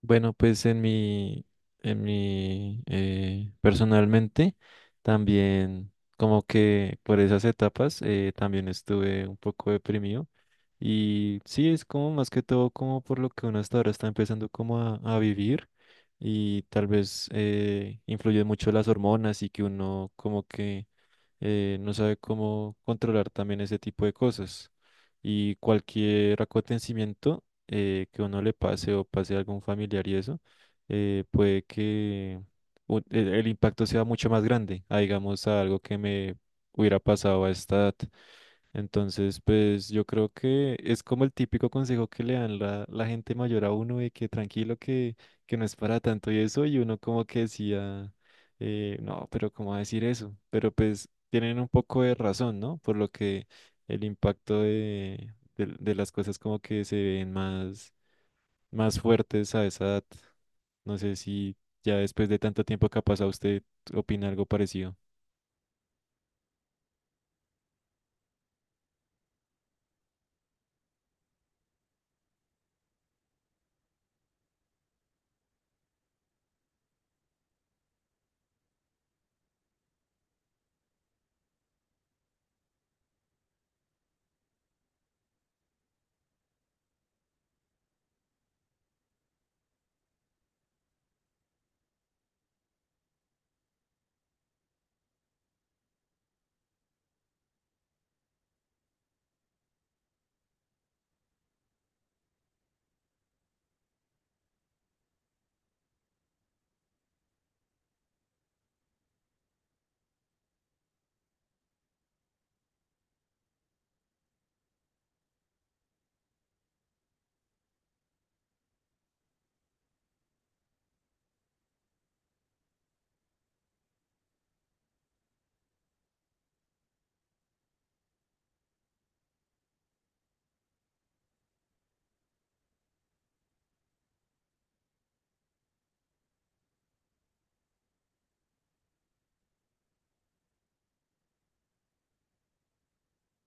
Bueno, pues personalmente, también como que por esas etapas también estuve un poco deprimido y sí, es como más que todo como por lo que uno hasta ahora está empezando como a vivir y tal vez influye mucho las hormonas y que uno como que no sabe cómo controlar también ese tipo de cosas. Y cualquier acontecimiento que uno le pase o pase a algún familiar y eso, puede que el impacto sea mucho más grande, a, digamos, a algo que me hubiera pasado a esta edad. Entonces, pues yo creo que es como el típico consejo que le dan la gente mayor a uno de que tranquilo, que no es para tanto y eso, y uno como que decía, no, pero ¿cómo va a decir eso? Pero pues tienen un poco de razón, ¿no? Por lo que el impacto de las cosas como que se ven más fuertes a esa edad. No sé si ya después de tanto tiempo que ha pasado usted opina algo parecido.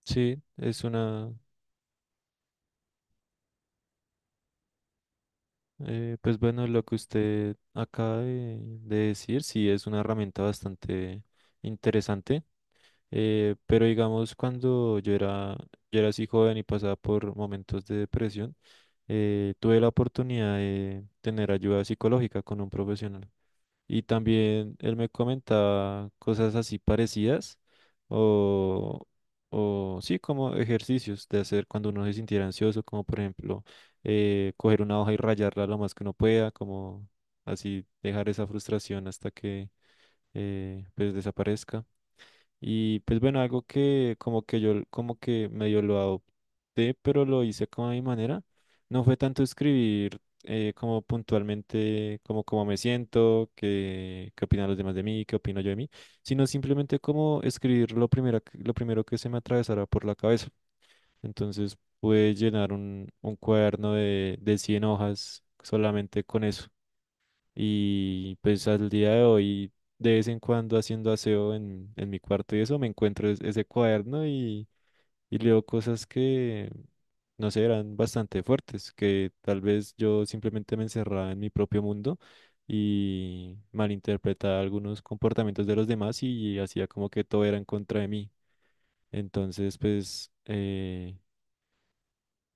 Sí, es una. Pues bueno, lo que usted acaba de decir, sí es una herramienta bastante interesante, pero digamos yo era así joven y pasaba por momentos de depresión, tuve la oportunidad de tener ayuda psicológica con un profesional. Y también él me comentaba cosas así parecidas o, o sí, como ejercicios de hacer cuando uno se sintiera ansioso, como por ejemplo coger una hoja y rayarla lo más que uno pueda, como así dejar esa frustración hasta que pues desaparezca. Y pues bueno, algo que como que yo como que medio lo adopté, pero lo hice como a mi manera. No fue tanto escribir como puntualmente, como cómo me siento, qué opinan los demás de mí, qué opino yo de mí, sino simplemente como escribir lo primero, lo primero que se me atravesara por la cabeza. Entonces pude llenar un cuaderno de 100 hojas solamente con eso. Y pues al día de hoy, de vez en cuando haciendo aseo en mi cuarto y eso, me encuentro ese cuaderno y leo cosas que, no sé, eran bastante fuertes, que tal vez yo simplemente me encerraba en mi propio mundo y malinterpretaba algunos comportamientos de los demás y hacía como que todo era en contra de mí. Entonces, pues,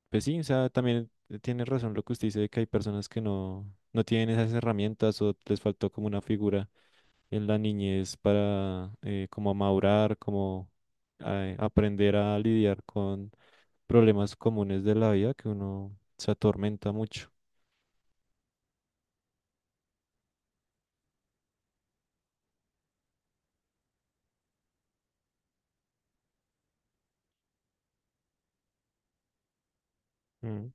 pues sí, o sea, también tiene razón lo que usted dice de que hay personas que no, no tienen esas herramientas o les faltó como una figura en la niñez para como madurar, como aprender a lidiar con problemas comunes de la vida que uno se atormenta mucho. Mm,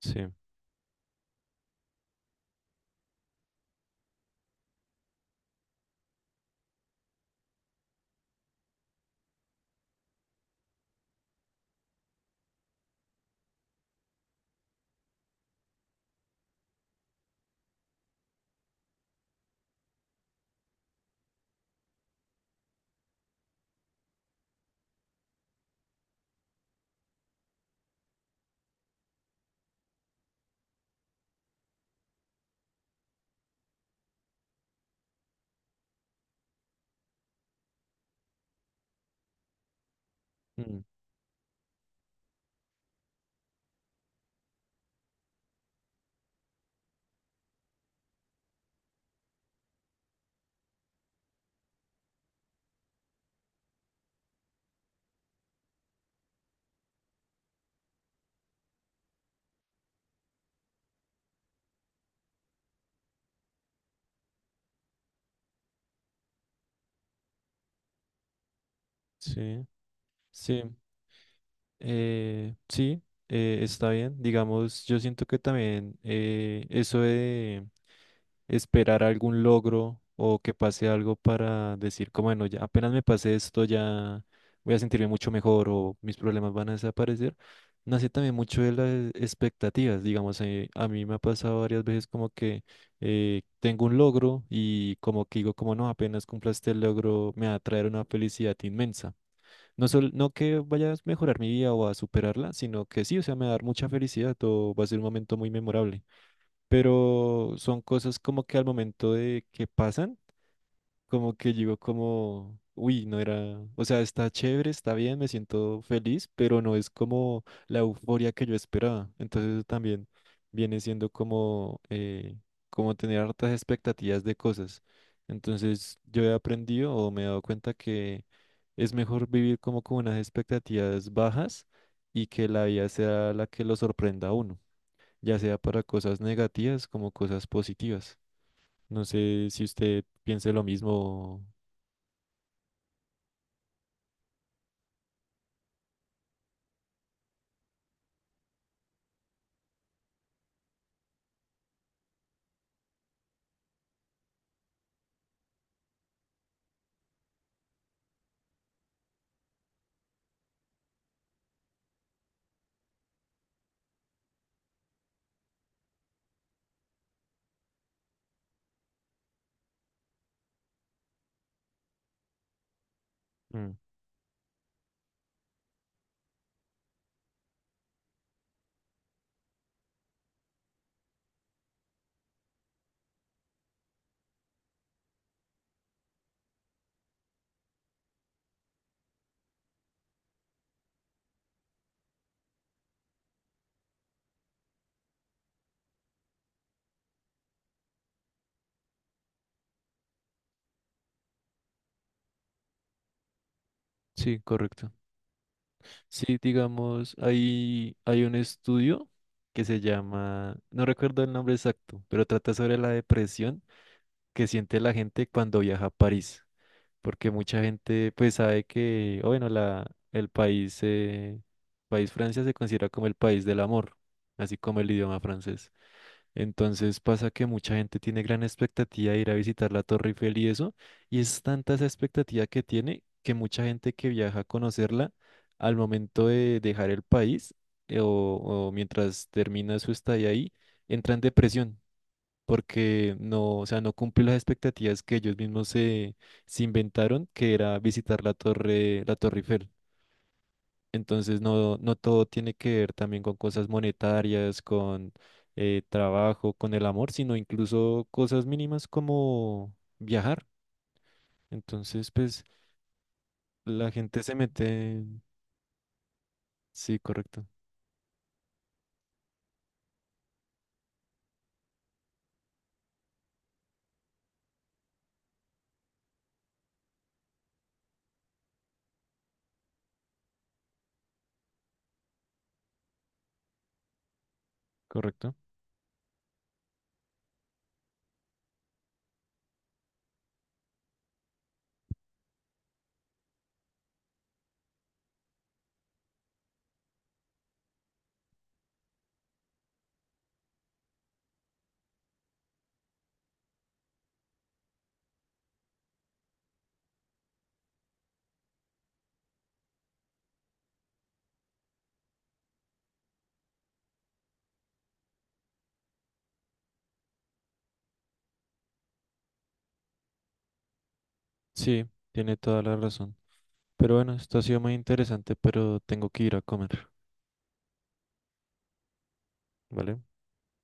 sí. Mm, sí, sí. Eh, sí, está bien. Digamos, yo siento que también eso de esperar algún logro o que pase algo para decir, como bueno, ya apenas me pase esto, ya voy a sentirme mucho mejor o mis problemas van a desaparecer, nace también mucho de las expectativas. Digamos, a mí me ha pasado varias veces como que tengo un logro y como que digo, como no, apenas cumpla este logro, me va a traer una felicidad inmensa. No, no que vaya a mejorar mi vida o a superarla, sino que sí, o sea, me va a dar mucha felicidad o va a ser un momento muy memorable. Pero son cosas como que al momento de que pasan, como que llegó como, uy, no era, o sea, está chévere, está bien, me siento feliz, pero no es como la euforia que yo esperaba. Entonces también viene siendo como, como tener hartas expectativas de cosas. Entonces yo he aprendido o me he dado cuenta que es mejor vivir como con unas expectativas bajas y que la vida sea la que lo sorprenda a uno, ya sea para cosas negativas como cosas positivas. No sé si usted piense lo mismo. Mm. Sí, correcto. Sí, digamos, hay un estudio que se llama, no recuerdo el nombre exacto, pero trata sobre la depresión que siente la gente cuando viaja a París. Porque mucha gente pues sabe que, o bueno, el país, país Francia se considera como el país del amor, así como el idioma francés. Entonces pasa que mucha gente tiene gran expectativa de ir a visitar la Torre Eiffel y eso, y es tanta esa expectativa que tiene que mucha gente que viaja a conocerla al momento de dejar el país o mientras termina su estadía ahí, entra en depresión porque no, o sea, no cumple las expectativas que ellos mismos se inventaron, que era visitar la Torre Eiffel. Entonces, no, no todo tiene que ver también con cosas monetarias, con trabajo, con el amor, sino incluso cosas mínimas como viajar. Entonces, pues la gente se mete. En- Sí, correcto, correcto. Sí, tiene toda la razón. Pero bueno, esto ha sido muy interesante, pero tengo que ir a comer, ¿vale?